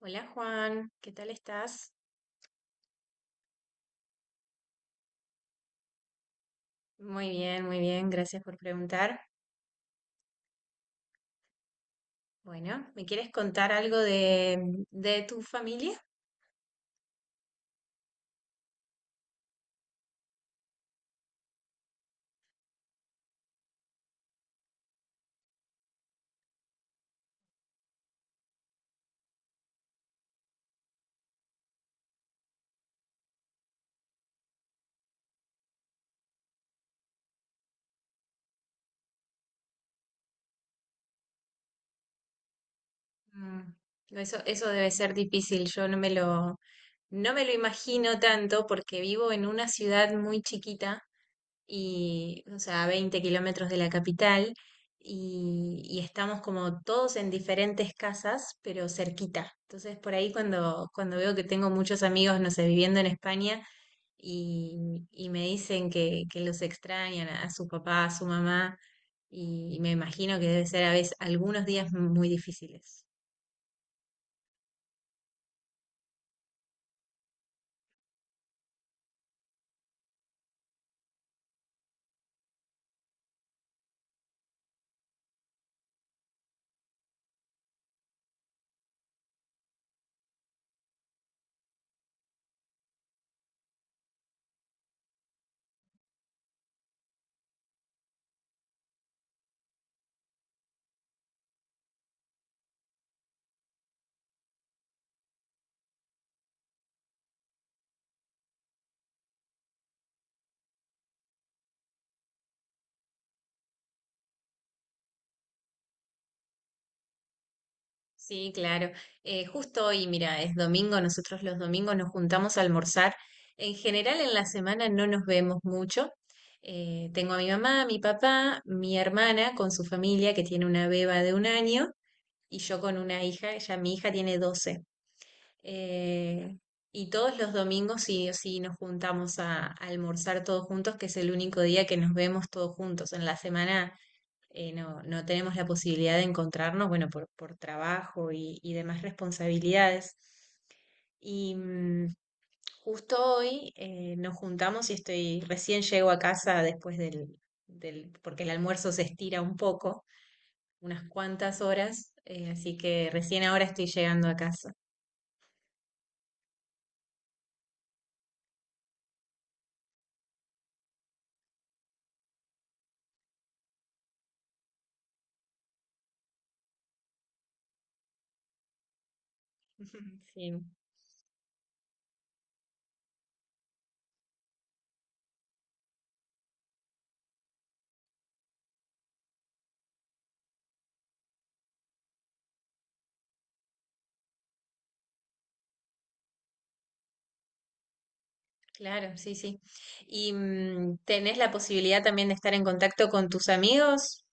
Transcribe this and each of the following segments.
Hola Juan, ¿qué tal estás? Muy bien, gracias por preguntar. Bueno, ¿me quieres contar algo de tu familia? Mm. Eso debe ser difícil, yo no me no me lo imagino tanto porque vivo en una ciudad muy chiquita y, o sea, a 20 kilómetros de la capital y estamos como todos en diferentes casas, pero cerquita. Entonces, por ahí cuando veo que tengo muchos amigos, no sé, viviendo en España, y me dicen que los extrañan a su papá, a su mamá, y me imagino que debe ser a veces algunos días muy difíciles. Sí, claro. Justo hoy, mira, es domingo, nosotros los domingos nos juntamos a almorzar. En general en la semana no nos vemos mucho. Tengo a mi mamá, a mi papá, mi hermana con su familia que tiene una beba de 1 año y yo con una hija, ya mi hija tiene 12. Eh, y todos los domingos sí o sí nos juntamos a almorzar todos juntos, que es el único día que nos vemos todos juntos. En la semana no tenemos la posibilidad de encontrarnos, bueno, por trabajo y demás responsabilidades. Y justo hoy nos juntamos y estoy, recién llego a casa después porque el almuerzo se estira un poco, unas cuantas horas, así que recién ahora estoy llegando a casa. Sí. Claro, sí, sí. ¿Y tenés la posibilidad también de estar en contacto con tus amigos?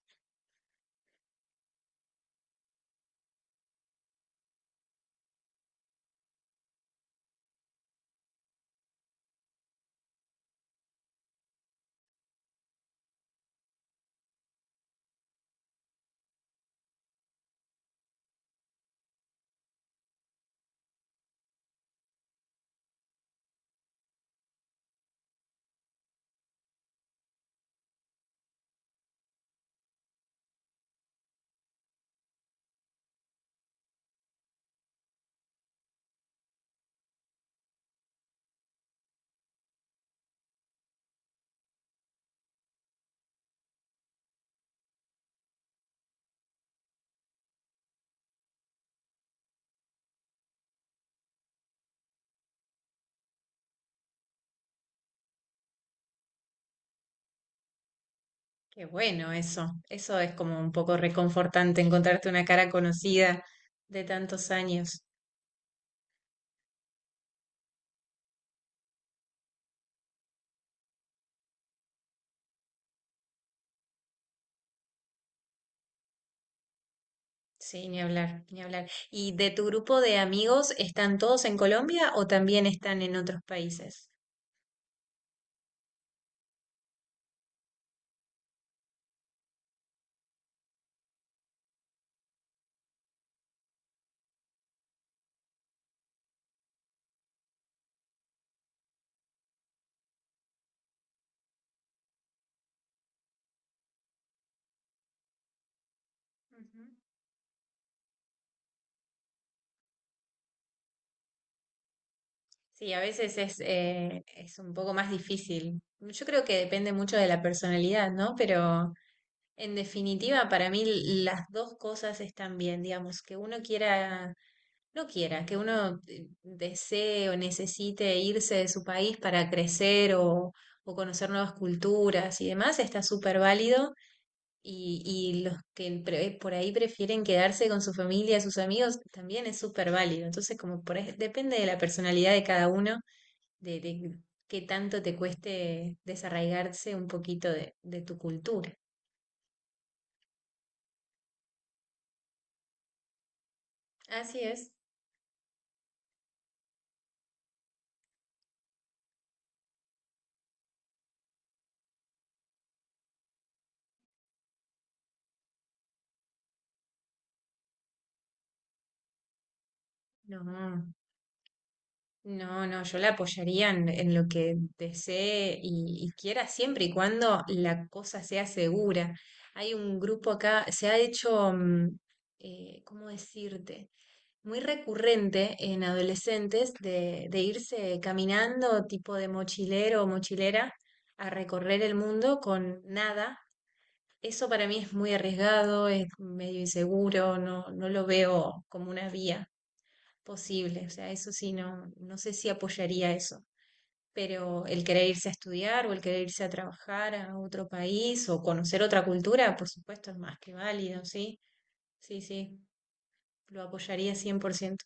Qué bueno eso. Eso es como un poco reconfortante, encontrarte una cara conocida de tantos años. Sí, ni hablar, ni hablar. ¿Y de tu grupo de amigos están todos en Colombia o también están en otros países? Ujú. Sí, a veces es un poco más difícil. Yo creo que depende mucho de la personalidad, ¿no? Pero en definitiva, para mí las dos cosas están bien, digamos, que uno quiera, no quiera, que uno desee o necesite irse de su país para crecer o conocer nuevas culturas y demás, está súper válido. Y los que pre- por ahí prefieren quedarse con su familia, sus amigos, también es súper válido. Entonces, como por ahí, depende de la personalidad de cada uno, de qué tanto te cueste desarraigarse un poquito de tu cultura. Así es. No, no, no, yo la apoyaría en lo que desee y quiera siempre y cuando la cosa sea segura. Hay un grupo acá, se ha hecho, mm, ¿cómo decirte? Muy recurrente en adolescentes de irse caminando tipo de mochilero o mochilera a recorrer el mundo con nada. Eso para mí es muy arriesgado, es medio inseguro, no lo veo como una vía posible. O sea, eso sí, no sé si apoyaría eso. Pero el querer irse a estudiar o el querer irse a trabajar a otro país o conocer otra cultura, por supuesto, es más que válido, ¿sí? Sí, sí, lo apoyaría 100%.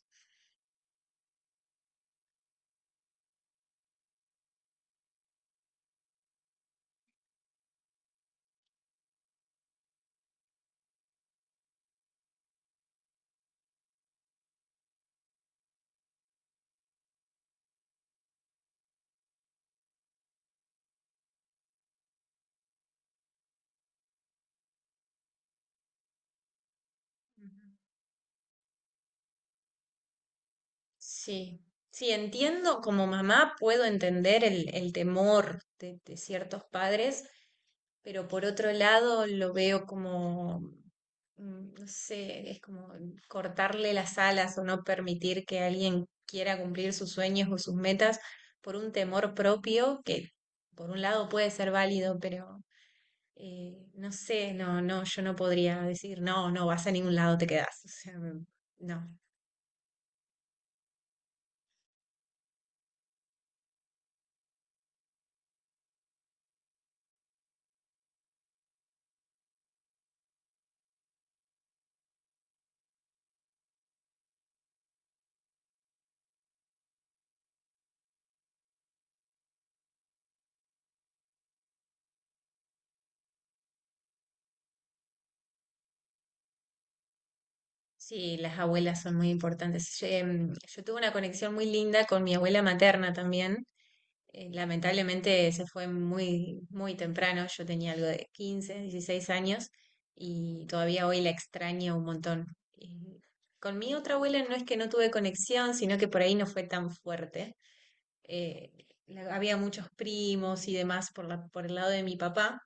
Ujú. Sí, sí, entiendo, como mamá puedo entender el temor de ciertos padres pero por otro lado lo veo como mm, no sé, es como cortarle las alas o no permitir que alguien quiera cumplir sus sueños o sus metas por un temor propio que por un lado puede ser válido, pero no sé, no, no, yo no podría decir, no, no vas a ningún lado, te quedás. O sea, mm, no. Sí, las abuelas son muy importantes. Yo, em, yo tuve una conexión muy linda con mi abuela materna también. Lamentablemente se fue muy, muy temprano, yo tenía algo de 15, 16 años y todavía hoy la extraño un montón. Y con mi otra abuela no es que no tuve conexión, sino que por ahí no fue tan fuerte. Eh, la- había muchos primos y demás por por el lado de mi papá.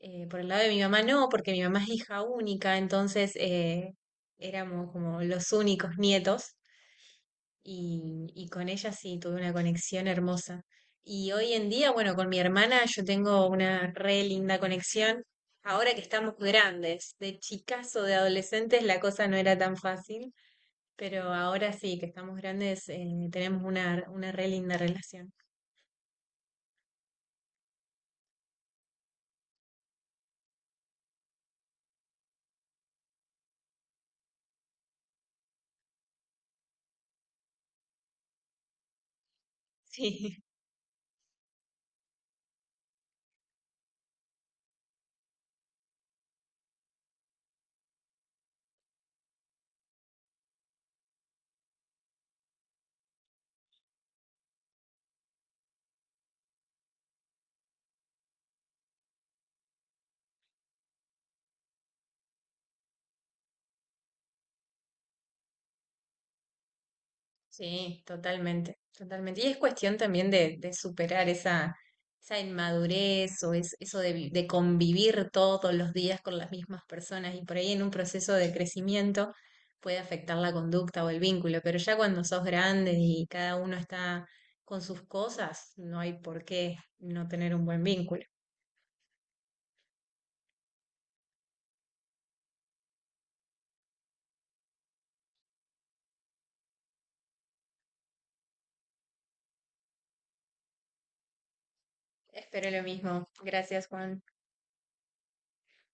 Por el lado de mi mamá no, porque mi mamá es hija única, entonces éramos como los únicos nietos y con ella sí tuve una conexión hermosa. Y hoy en día, bueno, con mi hermana yo tengo una re linda conexión. Ahora que estamos grandes, de chicas o de adolescentes, la cosa no era tan fácil, pero ahora sí que estamos grandes, tenemos una re linda relación. Sí. Sí, totalmente, totalmente. Y es cuestión también de superar esa, esa inmadurez o es, eso de, vi- de convivir todos los días con las mismas personas y por ahí en un proceso de crecimiento puede afectar la conducta o el vínculo, pero ya cuando sos grande y cada uno está con sus cosas, no hay por qué no tener un buen vínculo. Espero lo mismo. Gracias, Juan.